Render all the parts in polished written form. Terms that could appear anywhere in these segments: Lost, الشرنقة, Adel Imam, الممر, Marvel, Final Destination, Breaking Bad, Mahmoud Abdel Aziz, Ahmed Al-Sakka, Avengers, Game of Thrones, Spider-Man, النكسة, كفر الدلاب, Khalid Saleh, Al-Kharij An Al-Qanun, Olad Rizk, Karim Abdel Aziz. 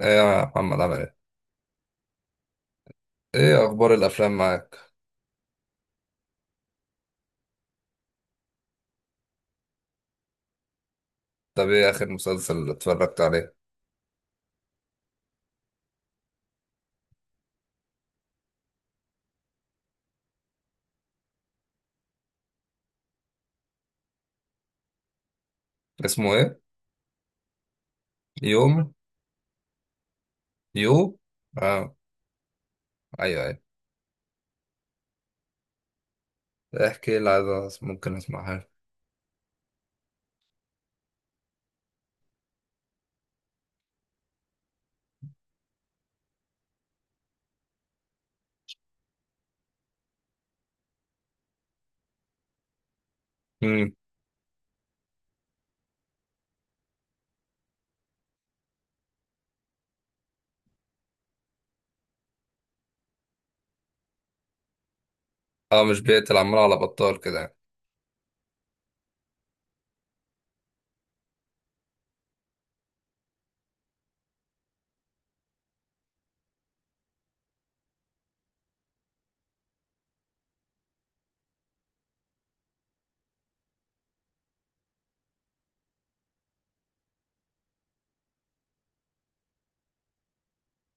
ايه يا محمد عامل ايه؟ ايه اخبار الافلام معاك؟ طب ايه اخر مسلسل اتفرجت عليه؟ اسمه ايه؟ يوم يو؟ اه، ايوه ايوه. احكي لي عايز ممكن اسمعها. امم. اه مش بيقتل عمال على بطال كده يعني.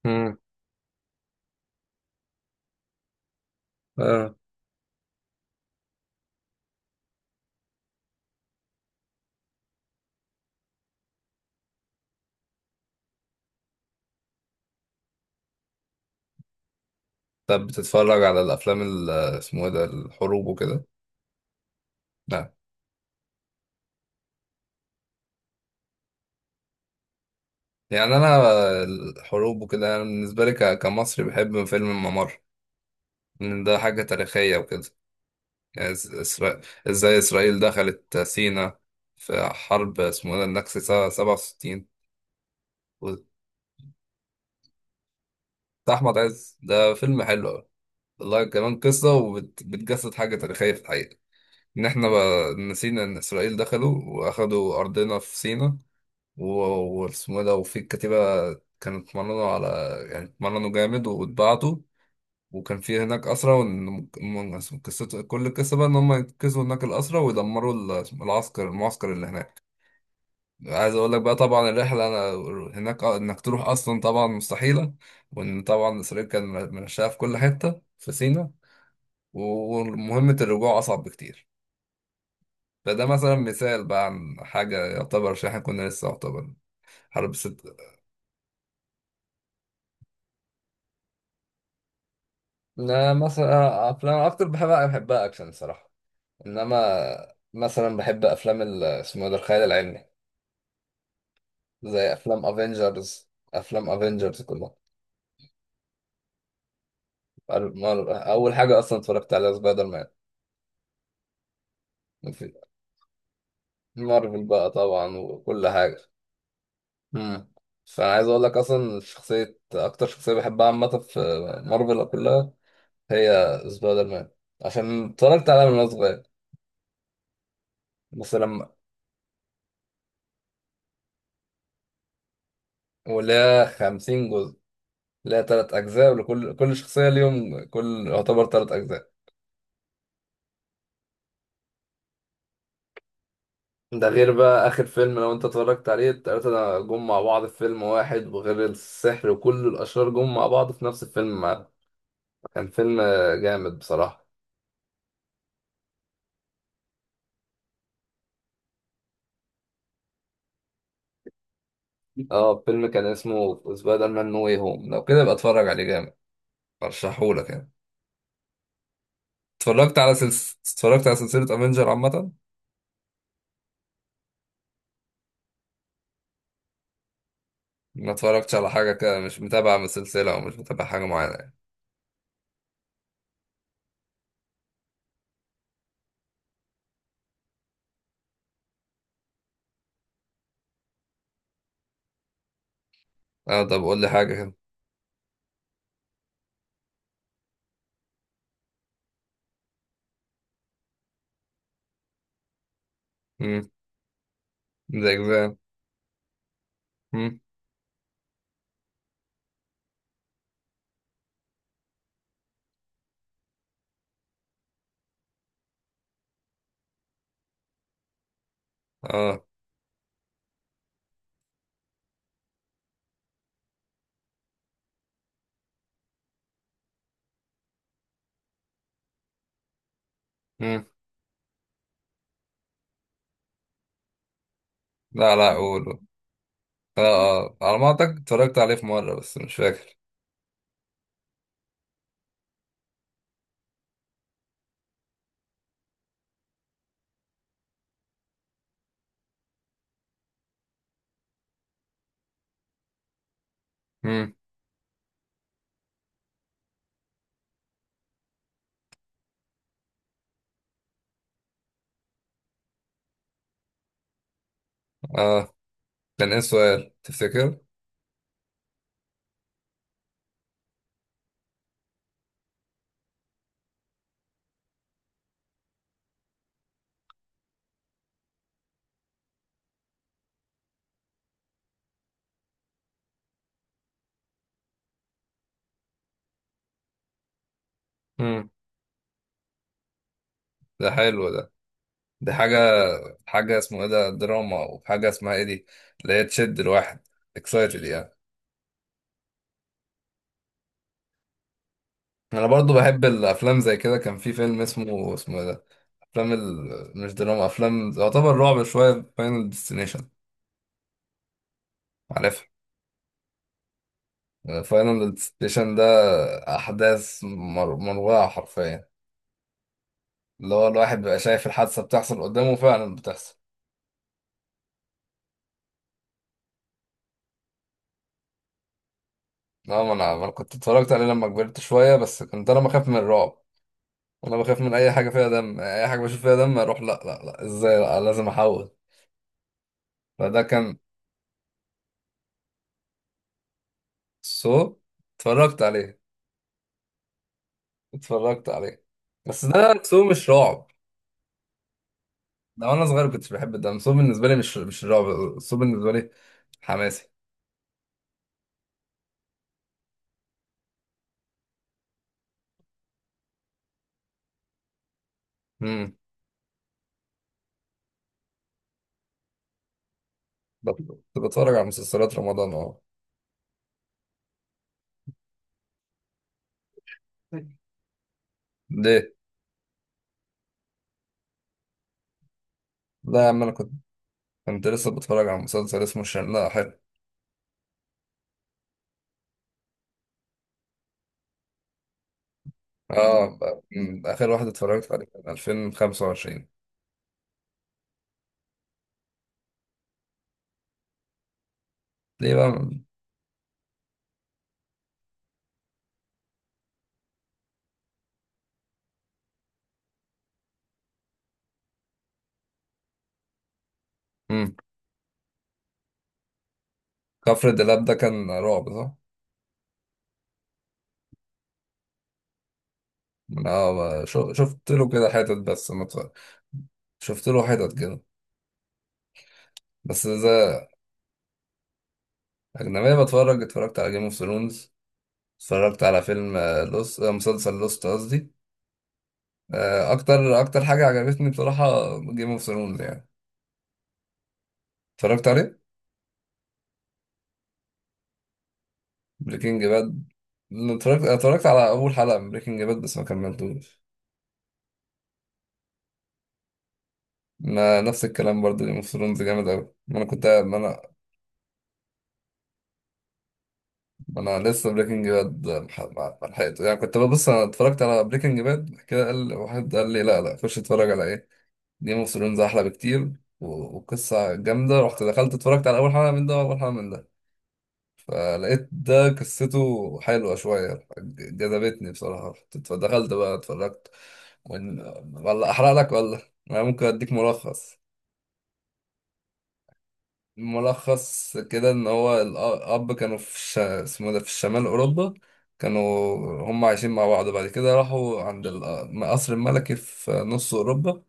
امم. اه، طب بتتفرج على الافلام اسمه ايه ده الحروب وكده؟ لا، يعني انا الحروب وكده انا بالنسبه لي كمصري بحب فيلم الممر، لان ده حاجه تاريخيه وكده. إز- إسرا- ازاي اسرائيل دخلت سينا في حرب اسمه إيه ده النكسة سنة 67، بتاع احمد عز، ده فيلم حلو أوي. والله كمان قصة وبتجسد حاجة تاريخية في الحقيقة، ان احنا بقى نسينا ان اسرائيل دخلوا واخدوا ارضنا في سينا. و- واسمه إيه ده وفي الكتيبة كانوا اتمرنوا على، يعني اتمرنوا جامد واتبعتوا، وكان في هناك أسرى. وإن قصته، كل القصة بقى إن هم ينقذوا هناك الأسرى ويدمروا العسكر المعسكر اللي هناك. عايز اقول لك بقى طبعا الرحله انا هناك، انك تروح اصلا طبعا مستحيله، وان طبعا اسرائيل كان منشاه في كل حته في سيناء، ومهمه الرجوع اصعب بكتير. فده مثلا مثال بقى عن حاجه يعتبر، عشان احنا كنا لسه يعتبر حرب ست. انا مثلا افلام اكتر بحبها بحبها اكشن الصراحه، انما مثلا بحب افلام اسمه ده الخيال العلمي، زي افلام افنجرز. افلام افنجرز كلها. اول حاجه اصلا اتفرجت عليها سبايدر مان. مارفل بقى طبعا وكل حاجة. مم. فأنا عايز أقول لك أصلا شخصية أكتر شخصية بحبها عامة في مارفل كلها هي سبايدر مان، عشان اتفرجت عليها من وأنا صغير. بس لما واللي هي 50 جزء، اللي هي تلات أجزاء، ولكل كل شخصية ليهم، كل يعتبر تلات أجزاء. ده غير بقى آخر فيلم لو أنت اتفرجت عليه، التلاتة ده جم مع بعض في فيلم واحد، وغير السحر وكل الأشرار جم مع بعض في نفس الفيلم معاه. كان فيلم جامد بصراحة. اه فيلم كان اسمه سبايدر مان نو واي هوم، لو كده يبقى اتفرج عليه جامد، ارشحهولك يعني. اتفرجت على اتفرجت على سلسلة افنجر عامة. ما اتفرجتش على حاجة كده، مش متابع من السلسلة او مش متابع حاجة معينة يعني. اه طب قول لي حاجة كده. امم. ذا اكزام. امم. اه. امم. لا لا، قول. اه. اه على ما اعتقد اتفرجت عليه في مرة بس مش فاكر. امم. اه كان ايه السؤال تفتكر. امم. ده حلو ده. دي حاجة، حاجة اسمه ايه ده دراما، وحاجة اسمها ايه دي اللي هي تشد الواحد، اكسايتد يعني. انا برضو بحب الافلام زي كده. كان في فيلم اسمه اسمه ايه ده، افلام مش دراما، افلام يعتبر رعب شوية، فاينل ديستنيشن. عارفها؟ فاينل ديستنيشن ده احداث مروعة حرفيا، اللي هو الواحد بيبقى شايف الحادثة بتحصل قدامه فعلا بتحصل. اه ما أنا كنت اتفرجت عليه لما كبرت شوية، بس كنت انا بخاف من الرعب. انا بخاف من اي حاجة فيها دم، اي حاجة بشوف فيها دم اروح لا لا لا، ازاي، لا لازم احول. فده كان سو. اتفرجت عليه، اتفرجت عليه، بس ده سو مش رعب. ده وانا صغير كنتش بحب، ده سو بالنسبه لي مش مش رعب، سو بالنسبه لي حماسي. امم. بت- كنت بتفرج على مسلسلات رمضان اه. ليه؟ لا يا عم انا كنت، كنت لسه بتفرج على مسلسل اسمه الشرنقة حلو. اه، أمم، اخر واحد اتفرجت عليه كان 2025. ليه بقى؟ امم. كفر الدلاب ده كان رعب صح؟ اه، شفت له كده حتت بس ما اتفرج- شفت له حتت كده، بس إذا. أجنبية بتفرج، اتفرجت على جيم اوف ثرونز، اتفرجت على فيلم لوست، مسلسل لوست قصدي. أكتر أكتر حاجة عجبتني بصراحة جيم اوف ثرونز يعني، اتفرجت عليه. بريكنج باد؟ اتفرجت اتفرجت على أول حلقة من بريكنج باد بس ما كملتوش. ما نفس الكلام برضه، جيم اوف ثرونز جامد أوي. ما أنا لسه بريكنج باد، ما لحقته يعني. كنت ببص، أنا اتفرجت على بريكنج باد كده، قال واحد قال لي لا لا، خش اتفرج على إيه، جيم اوف ثرونز احلى بكتير، وقصه جامده. رحت دخلت اتفرجت على اول حلقه من ده واول حلقه من ده، فلقيت ده قصته حلوه شويه، جذبتني بصراحه. دخلت بقى اتفرجت. ولا احرق لك ولا انا ممكن اديك ملخص. ملخص كده ان هو الاب كانوا في اسمه ده في الشمال اوروبا، كانوا هم عايشين مع بعض. بعد كده راحوا عند القصر الملكي في نص اوروبا،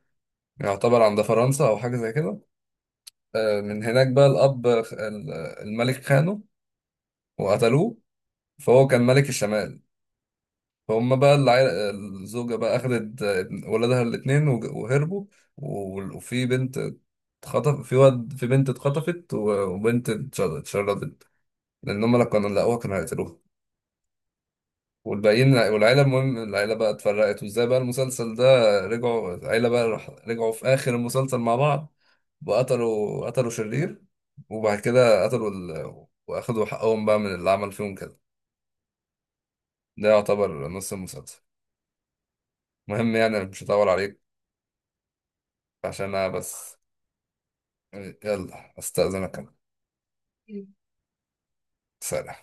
يعتبر عند فرنسا او حاجه زي كده. من هناك بقى الأب الملك خانه وقتلوه، فهو كان ملك الشمال. فهم بقى العيلة، الزوجة بقى أخدت ولادها الاتنين وهربوا. وفي بنت اتخطف في واد، في بنت اتخطفت، وبنت اتشردت لأن هم لو كانوا لقوها كانوا هيقتلوها. والباقيين والعيلة، المهم العيلة بقى اتفرقت. وازاي بقى المسلسل ده، رجعوا العيلة بقى رجعوا في آخر المسلسل مع بعض، وقتلوا قتلوا شرير، وبعد كده قتلوا وأخدوا حقهم بقى من اللي عمل فيهم كده. ده يعتبر نص المسلسل، المهم يعني مش هطول عليك عشان أنا بس. يلا أستأذنك أنا، سلام.